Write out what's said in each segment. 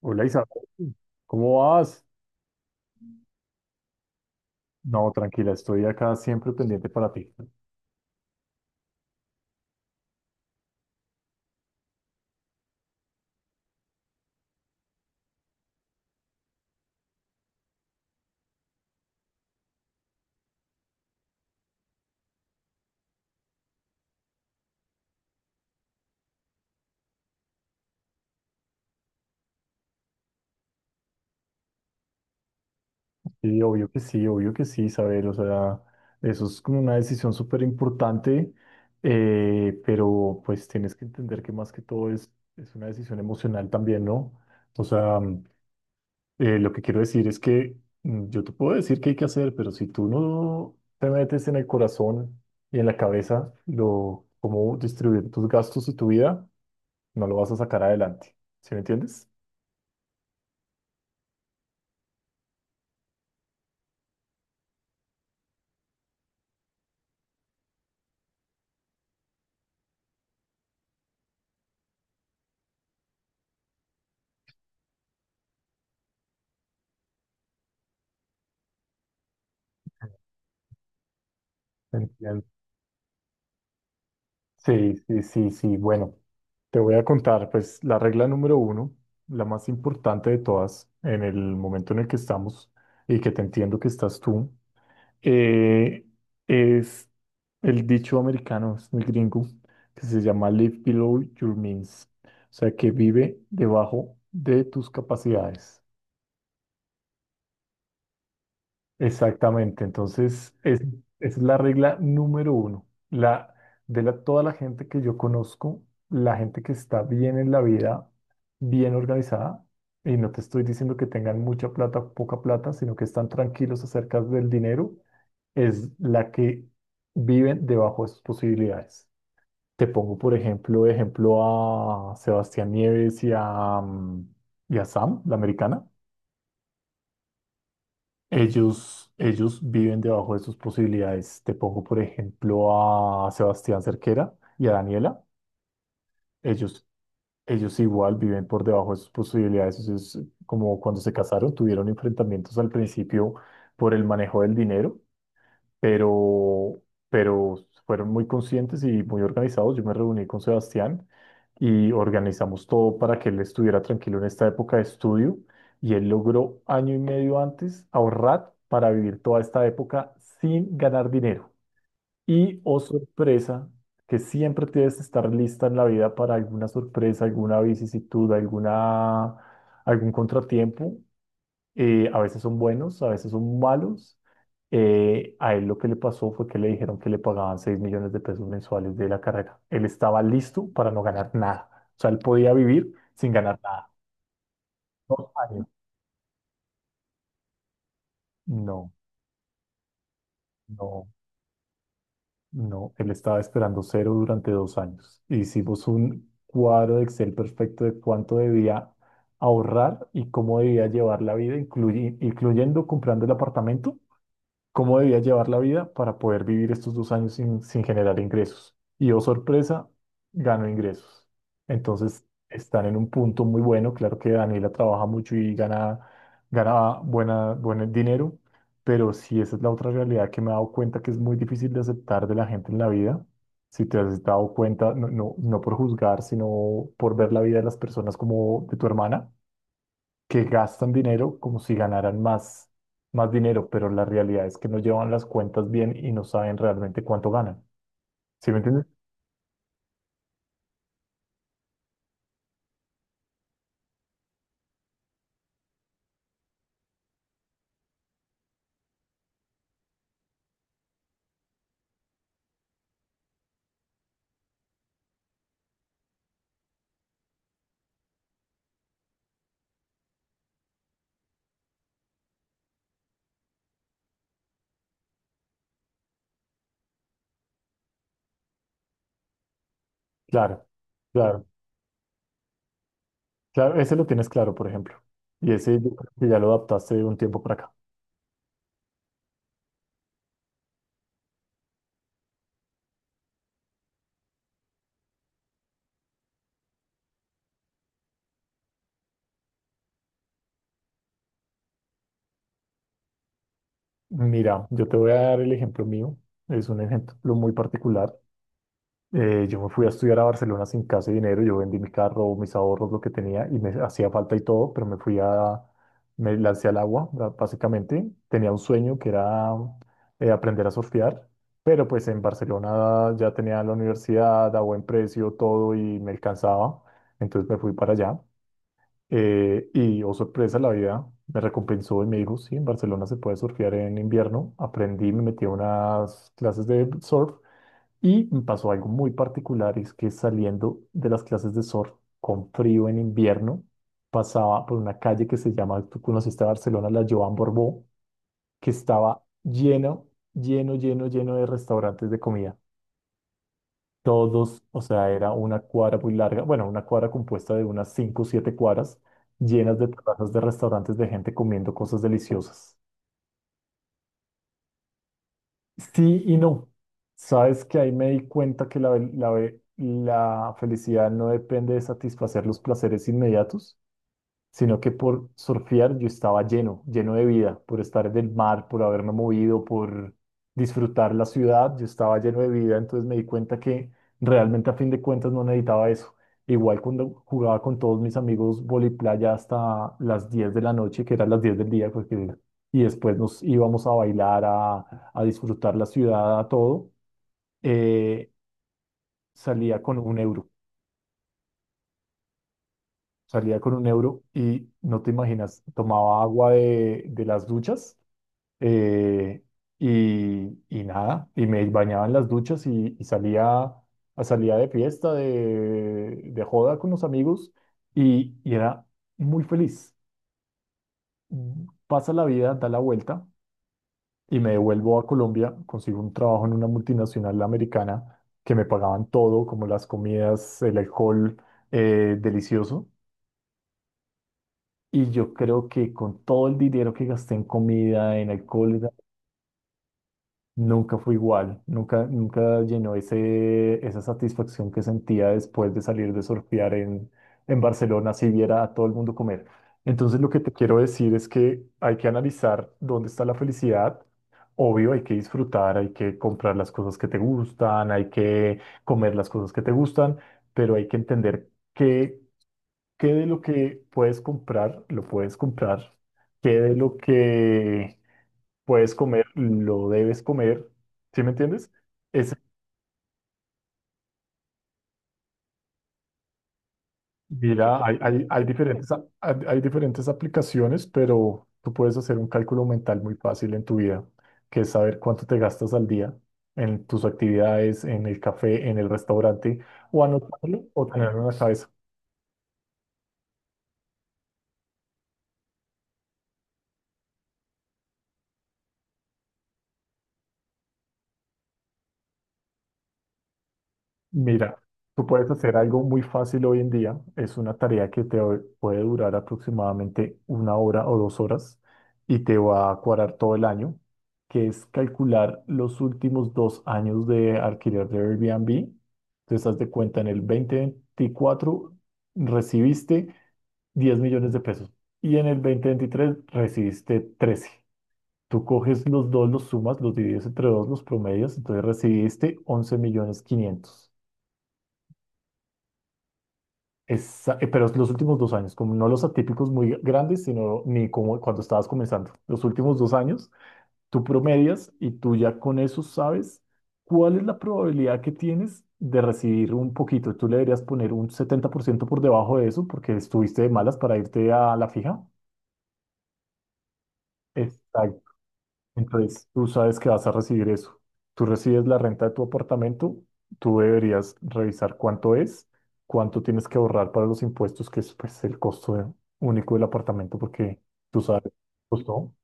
Hola Isabel, ¿cómo vas? No, tranquila, estoy acá siempre pendiente para ti. Sí, obvio que sí, obvio que sí, Isabel, o sea, eso es como una decisión súper importante, pero pues tienes que entender que más que todo es una decisión emocional también, ¿no? O sea, lo que quiero decir es que yo te puedo decir qué hay que hacer, pero si tú no te metes en el corazón y en la cabeza cómo distribuir tus gastos y tu vida, no lo vas a sacar adelante. ¿Sí me entiendes? Entiendo. Sí, sí, sí, sí. Bueno, te voy a contar, pues la regla número uno, la más importante de todas en el momento en el que estamos y que te entiendo que estás tú, eh, es el dicho americano, es muy gringo, que se llama Live Below Your Means, o sea, que vive debajo de tus capacidades. Exactamente, entonces, esa es la regla número uno. Toda la gente que yo conozco, la gente que está bien en la vida, bien organizada, y no te estoy diciendo que tengan mucha plata o poca plata, sino que están tranquilos acerca del dinero, es la que viven debajo de sus posibilidades. Te pongo, por ejemplo, a Sebastián Nieves y a Sam, la americana. Ellos viven debajo de sus posibilidades. Te pongo, por ejemplo, a Sebastián Cerquera y a Daniela. Ellos, ellos igual viven por debajo de sus posibilidades. Eso es como cuando se casaron, tuvieron enfrentamientos al principio por el manejo del dinero, pero, pero fueron muy conscientes y muy organizados. Yo me reuní con Sebastián y organizamos todo para que él estuviera tranquilo en esta época de estudio y él logró año y medio antes ahorrar para vivir toda esta época sin ganar dinero. Y, oh sorpresa, que siempre tienes que estar lista en la vida para alguna sorpresa, alguna vicisitud, algún contratiempo. A veces son buenos, a veces son malos. A él lo que le pasó fue que le dijeron que le pagaban 6 millones de pesos mensuales de la carrera. Él estaba listo para no ganar nada. O sea, él podía vivir sin ganar nada. 2 años. No, no, no. Él estaba esperando cero durante 2 años. Hicimos un cuadro de Excel perfecto de cuánto debía ahorrar y cómo debía llevar la vida, incluyendo comprando el apartamento, cómo debía llevar la vida para poder vivir estos 2 años sin generar ingresos. Y oh sorpresa, ganó ingresos. Entonces están en un punto muy bueno. Claro que Daniela trabaja mucho y gana buen dinero, pero sí esa es la otra realidad que me he dado cuenta que es muy difícil de aceptar de la gente en la vida. Si te has dado cuenta, no por juzgar, sino por ver la vida de las personas como de tu hermana, que gastan dinero como si ganaran más dinero, pero la realidad es que no llevan las cuentas bien y no saben realmente cuánto ganan. ¿Sí me entiendes? Claro, claro, claro. Ese lo tienes claro, por ejemplo. Y ese yo creo que ya lo adaptaste de un tiempo para acá. Mira, yo te voy a dar el ejemplo mío. Es un ejemplo muy particular. Yo me fui a estudiar a Barcelona sin casi dinero, yo vendí mi carro, mis ahorros, lo que tenía y me hacía falta y todo, pero me lancé al agua, básicamente. Tenía un sueño que era aprender a surfear, pero pues en Barcelona ya tenía la universidad a buen precio, todo y me alcanzaba, entonces me fui para allá. Y oh sorpresa, la vida me recompensó y me dijo, sí, en Barcelona se puede surfear en invierno. Aprendí, me metí a unas clases de surf. Y me pasó algo muy particular, es que saliendo de las clases de surf con frío en invierno, pasaba por una calle que se llama, tú conociste Barcelona, la Joan Borbó, que estaba lleno, lleno, lleno, lleno de restaurantes de comida. Todos, o sea, era una cuadra muy larga, bueno, una cuadra compuesta de unas cinco o siete cuadras llenas de terrazas de restaurantes de gente comiendo cosas deliciosas. Sí y no. Sabes que ahí me di cuenta que la felicidad no depende de satisfacer los placeres inmediatos, sino que por surfear yo estaba lleno, lleno de vida, por estar en el mar, por haberme movido, por disfrutar la ciudad. Yo estaba lleno de vida, entonces me di cuenta que realmente a fin de cuentas no necesitaba eso. Igual cuando jugaba con todos mis amigos voliplaya hasta las 10 de la noche, que eran las 10 del día, y después nos íbamos a bailar, a disfrutar la ciudad, a todo, eh, salía con 1 euro. Salía con un euro y no te imaginas, tomaba agua de las duchas, eh, nada, y me bañaba en las duchas y salía, salía de fiesta, de joda con los amigos, y era muy feliz. Pasa la vida, da la vuelta y me devuelvo a Colombia, consigo un trabajo en una multinacional americana que me pagaban todo, como las comidas, el alcohol, delicioso. Y yo creo que con todo el dinero que gasté en comida, en alcohol, nunca fue igual, nunca, nunca llenó ese, esa satisfacción que sentía después de salir de surfear en Barcelona, si viera a todo el mundo comer. Entonces lo que te quiero decir es que hay que analizar dónde está la felicidad. Obvio, hay que disfrutar, hay que comprar las cosas que te gustan, hay que comer las cosas que te gustan, pero hay que entender que ¿qué de lo que puedes comprar, lo puedes comprar? ¿Qué de lo que puedes comer, lo debes comer? ¿Sí me entiendes? Es, mira, hay diferentes aplicaciones, pero tú puedes hacer un cálculo mental muy fácil en tu vida, que es saber cuánto te gastas al día en tus actividades, en el café, en el restaurante, o anotarlo o tenerlo en la cabeza. Mira, tú puedes hacer algo muy fácil hoy en día. Es una tarea que puede durar aproximadamente 1 hora o 2 horas y te va a cuadrar todo el año, que es calcular los últimos 2 años de alquiler de Airbnb. Te das de cuenta, en el 2024 recibiste 10 millones de pesos y en el 2023 recibiste 13. Tú coges los dos, los sumas, los divides entre dos, los promedios, entonces recibiste 11 millones 500. Pero es los últimos 2 años, como no los atípicos muy grandes, sino ni como cuando estabas comenzando. Los últimos 2 años, tú promedias y tú ya con eso sabes cuál es la probabilidad que tienes de recibir un poquito. Tú le deberías poner un 70% por debajo de eso porque estuviste de malas para irte a la fija. Exacto. Entonces, tú sabes que vas a recibir eso. Tú recibes la renta de tu apartamento, tú deberías revisar cuánto es, cuánto tienes que ahorrar para los impuestos, que es pues, el costo único del apartamento, porque tú sabes, costó.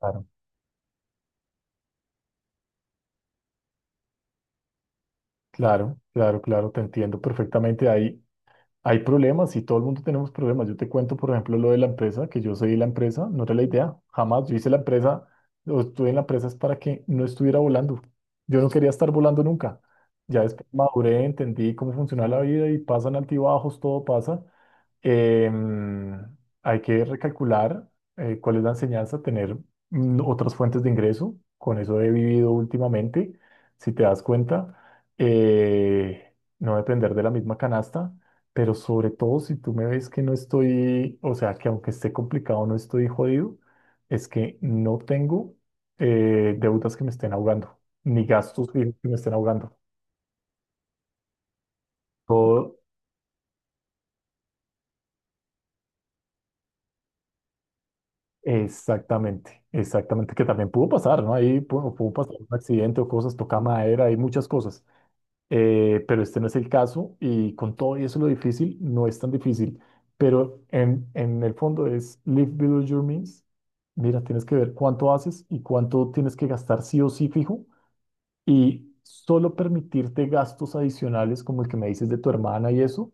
Claro, claro, claro, claro, te entiendo perfectamente. Ahí hay problemas, y todo el mundo tenemos problemas. Yo te cuento, por ejemplo, lo de la empresa, que yo soy la empresa, no era la idea, jamás. Yo hice la empresa, o estuve en la empresa, es para que no estuviera volando. Yo no quería estar volando nunca. Ya después maduré, entendí cómo funciona la vida y pasan altibajos, todo pasa. Em, hay que recalcular, cuál es la enseñanza, tener otras fuentes de ingreso. Con eso he vivido últimamente, si te das cuenta. No depender de la misma canasta, pero sobre todo si tú me ves que no estoy, o sea, que aunque esté complicado, no estoy jodido, es que no tengo deudas que me estén ahogando, ni gastos fijos que me estén ahogando. Todo exactamente, exactamente, que también pudo pasar, ¿no? Ahí pudo pasar un accidente o cosas, toca madera, hay muchas cosas, pero este no es el caso y con todo y eso lo difícil no es tan difícil, pero en el fondo es live below your means. Mira, tienes que ver cuánto haces y cuánto tienes que gastar sí o sí fijo, y solo permitirte gastos adicionales como el que me dices de tu hermana y eso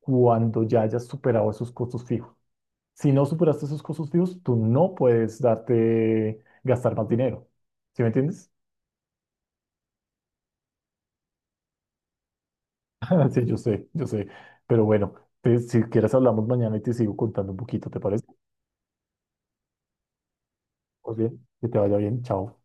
cuando ya hayas superado esos costos fijos. Si no superaste esos costos fijos, tú no puedes darte gastar más dinero. ¿Sí me entiendes? Sí, yo sé, yo sé. Pero bueno, si quieres hablamos mañana y te sigo contando un poquito, ¿te parece? Pues bien, que te vaya bien, chao.